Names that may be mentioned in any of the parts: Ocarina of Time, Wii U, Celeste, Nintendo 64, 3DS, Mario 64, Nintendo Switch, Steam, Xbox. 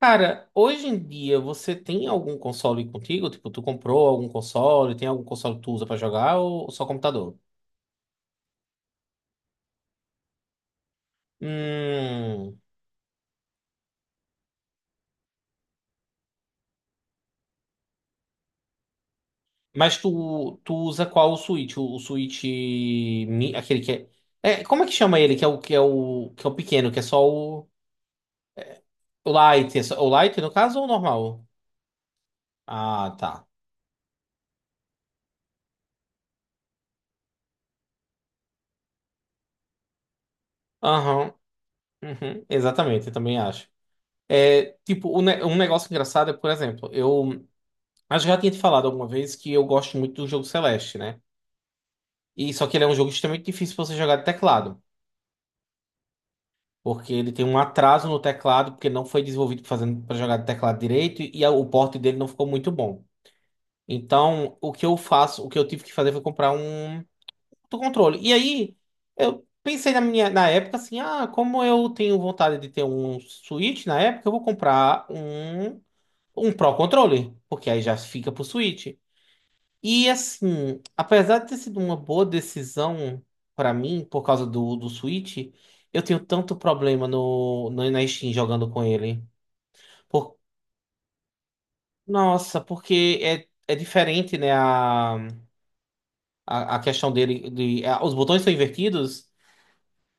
Cara, hoje em dia você tem algum console contigo? Tipo, tu comprou algum console? Tem algum console que tu usa pra jogar ou só computador? Hum. Mas tu usa qual o Switch? O Switch aquele que como é que chama ele? Que é o que é o pequeno, que é só o Lite, o Lite no caso ou o normal? Ah, tá. Aham. Uhum, exatamente, eu também acho. É, tipo, um negócio engraçado é, por exemplo, eu acho que já tinha te falado alguma vez que eu gosto muito do jogo Celeste, né? E só que ele é um jogo extremamente difícil pra você jogar de teclado, porque ele tem um atraso no teclado, porque não foi desenvolvido fazendo para jogar de teclado direito e o porte dele não ficou muito bom. Então, o que eu faço, o que eu tive que fazer foi comprar um outro controle. E aí, eu pensei na época assim, ah, como eu tenho vontade de ter um Switch na época, eu vou comprar um Pro controle, porque aí já fica pro Switch. E assim, apesar de ter sido uma boa decisão pra mim, por causa do Switch, eu tenho tanto problema no, no, na Steam jogando com ele. Por- Nossa, porque é diferente, né? A questão dele. Os botões são invertidos,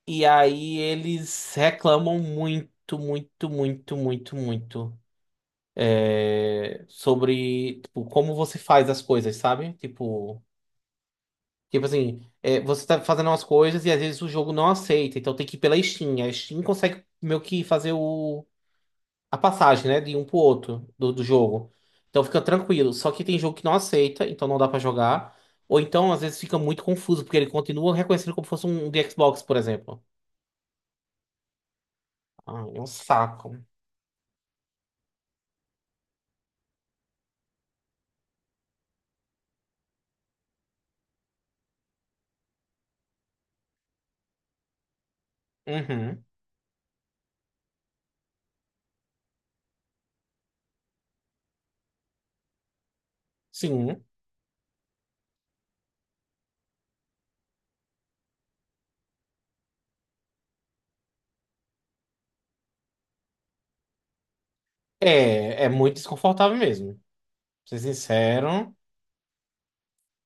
e aí eles reclamam muito, muito, muito, muito, muito. É, sobre, tipo, como você faz as coisas, sabe? Tipo. Tipo assim, é, você tá fazendo umas coisas e às vezes o jogo não aceita, então tem que ir pela Steam. A Steam consegue meio que fazer a passagem, né, de um pro outro do jogo. Então fica tranquilo. Só que tem jogo que não aceita, então não dá pra jogar. Ou então às vezes fica muito confuso, porque ele continua reconhecendo como fosse um de Xbox, por exemplo. Ah, é um saco. Uhum. Sim. É, é muito desconfortável mesmo. Pra ser sincero.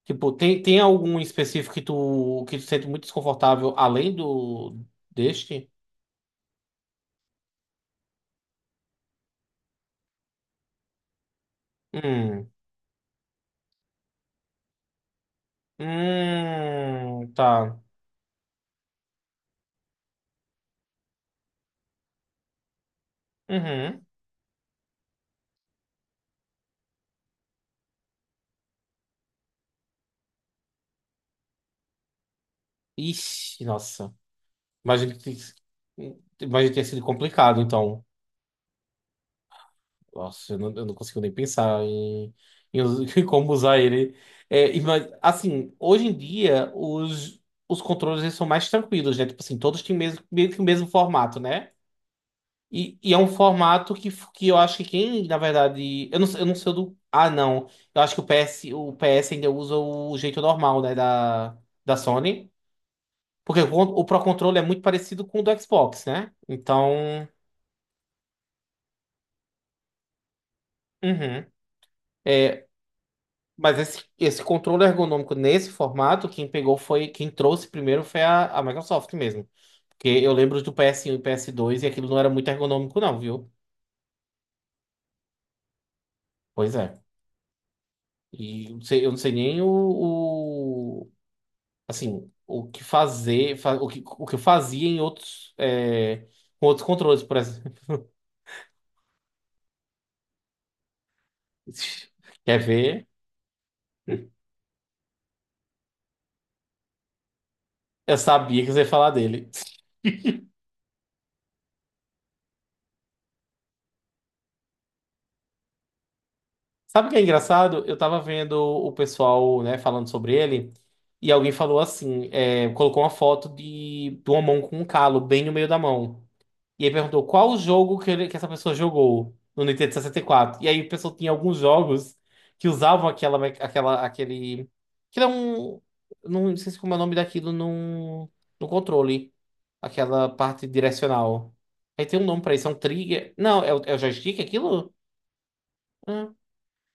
Tipo, tem algum específico que tu sente muito desconfortável além do deste? Hum. Tá. Uhum. Ixi, nossa. Imagino que, imagino que tenha sido complicado, então. Nossa, eu não consigo nem pensar em, em como usar ele. É, assim, hoje em dia, os controles eles são mais tranquilos, né? Tipo assim, todos têm mesmo, meio que o mesmo formato, né? E é um formato que eu acho que quem, na verdade. Eu não sei o do. Ah, não. Eu acho que o PS ainda usa o jeito normal, né? Da Sony. Porque o Pro Controller é muito parecido com o do Xbox, né? Então. Uhum. É, mas esse controle ergonômico nesse formato, quem pegou foi. Quem trouxe primeiro foi a Microsoft mesmo. Porque eu lembro do PS1 e PS2 e aquilo não era muito ergonômico, não, viu? Pois é. Eu não sei nem assim, o que eu fazia em outros, é, com outros controles, por exemplo. Quer ver? Eu sabia que você ia falar dele. Sabe o que é engraçado? Eu tava vendo o pessoal, né, falando sobre ele, e alguém falou assim, é, colocou uma foto de uma mão com um calo bem no meio da mão. E aí perguntou qual o jogo que, que essa pessoa jogou no Nintendo 64. E quatro. E aí a pessoa tinha alguns jogos que usavam aquele. Que era um. Não sei se como é o nome daquilo no controle. Aquela parte direcional. Aí tem um nome pra isso, é um trigger. Não, é o joystick aquilo? Ah.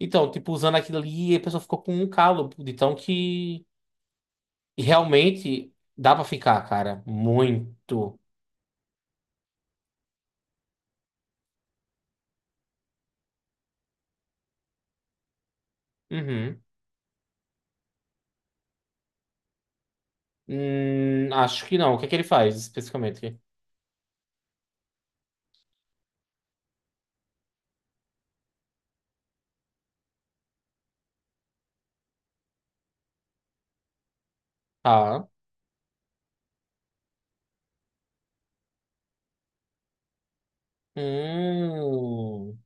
Então, tipo, usando aquilo ali, a pessoa ficou com um calo de tão que. E realmente dá pra ficar, cara. Muito. Uhum. Acho que não. O que é que ele faz especificamente? Tá. Hum,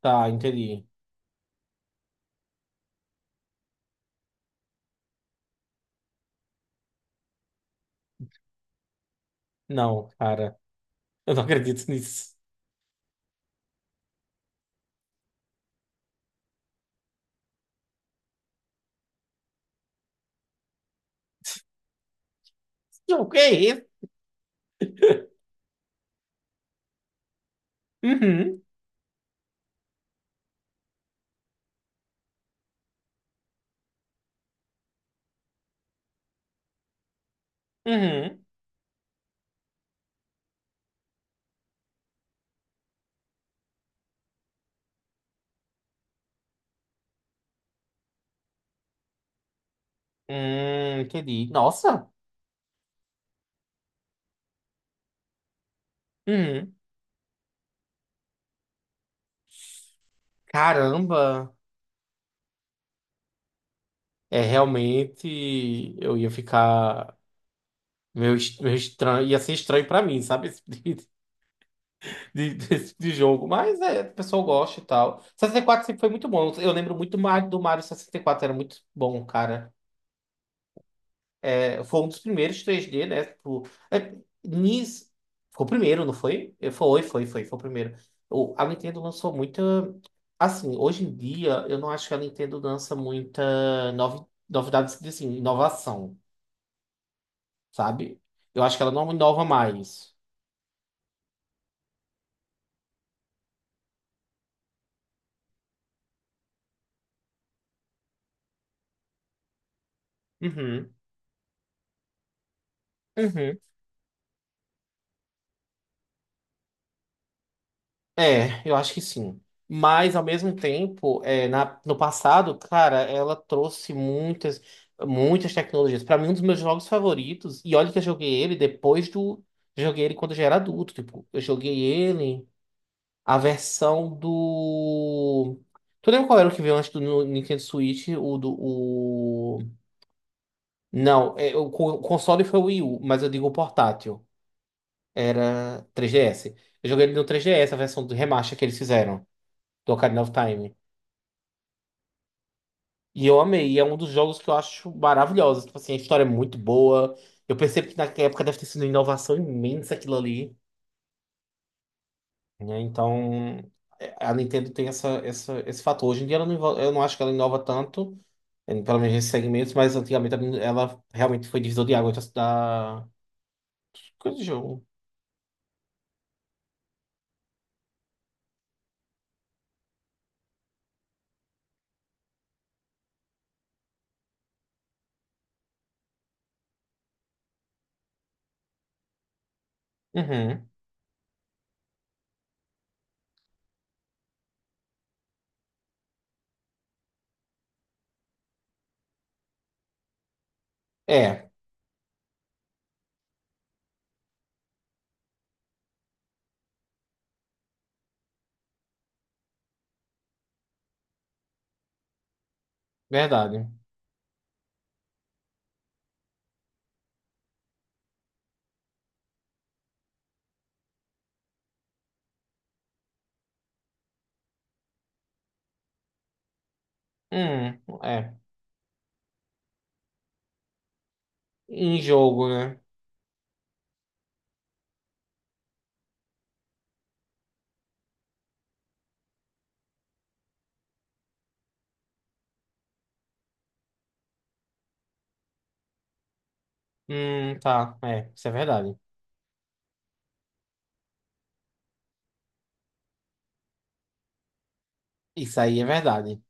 tá, entendi. Não, cara, eu não acredito nisso. O que é isso? Uhum, uhum. Entendi. Nossa. Uhum. Caramba. É realmente. Eu ia ficar. Meio, meio estranho. Ia ser estranho pra mim, sabe? Esse tipo desse tipo de jogo. Mas é, o pessoal gosta e tal. 64 sempre foi muito bom. Eu lembro muito do Mario 64. Era muito bom, cara. É, foi um dos primeiros 3D, né? Tipo, é, Nis... Foi o primeiro, não foi? É, foi o primeiro. O, a Nintendo lançou muita. Assim, hoje em dia, eu não acho que a Nintendo lança muita novi... novidades assim, inovação, sabe? Eu acho que ela não inova mais. Uhum. Uhum. É, eu acho que sim. Mas, ao mesmo tempo, é, no passado, cara, ela trouxe muitas, muitas tecnologias. Pra mim, um dos meus jogos favoritos, e olha que eu joguei ele depois do. Joguei ele quando eu já era adulto. Tipo, eu joguei ele, a versão do. Tu lembra qual era o que veio antes do Nintendo Switch? O do. O... Não, é, o console foi o Wii U, mas eu digo o portátil. Era 3DS. Eu joguei ele no 3DS, a versão do remaster que eles fizeram do Ocarina of Time. E eu amei, e é um dos jogos que eu acho maravilhosos. Tipo assim, a história é muito boa. Eu percebo que naquela época deve ter sido uma inovação imensa aquilo ali, né? Então, é, a Nintendo tem esse fator. Hoje em dia ela não, eu não acho que ela inova tanto, pelo menos nesses segmentos, mas antigamente ela realmente foi divisor de água da... da- Coisa de jogo. Uhum. É, verdade. Hum, é. Em jogo, né? Tá. É, isso é verdade. Isso aí é verdade.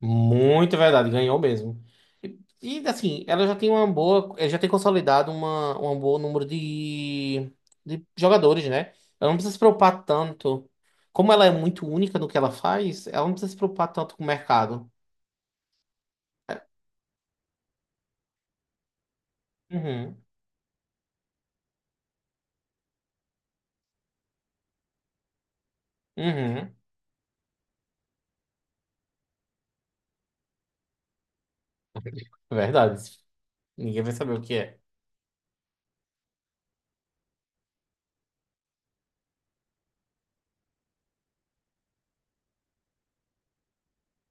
Muito verdade, ganhou mesmo. E, assim, ela já tem uma boa, eh, já tem consolidado uma, um bom número de jogadores, né? Ela não precisa se preocupar tanto. Como ela é muito única no que ela faz, ela não precisa se preocupar tanto com o mercado. É, uhum, uhum. Verdade. Ninguém vai saber o que é.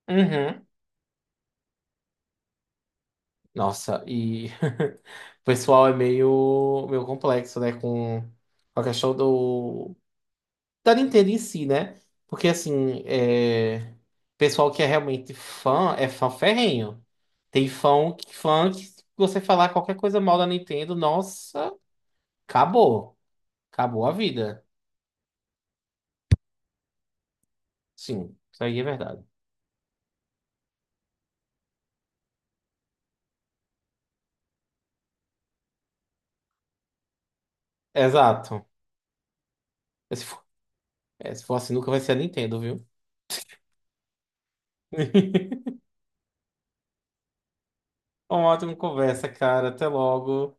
Uhum. Nossa, e o pessoal é meio, meio complexo, né? Com a questão do, da Nintendo em si, né? Porque assim, é... pessoal que é realmente fã é fã ferrenho. Tem fã que se você falar qualquer coisa mal da Nintendo, nossa, acabou. Acabou a vida. Sim, isso aí é verdade. Exato. É, se for, é, se for assim, nunca vai ser a Nintendo, viu? Uma ótima conversa, cara. Até logo.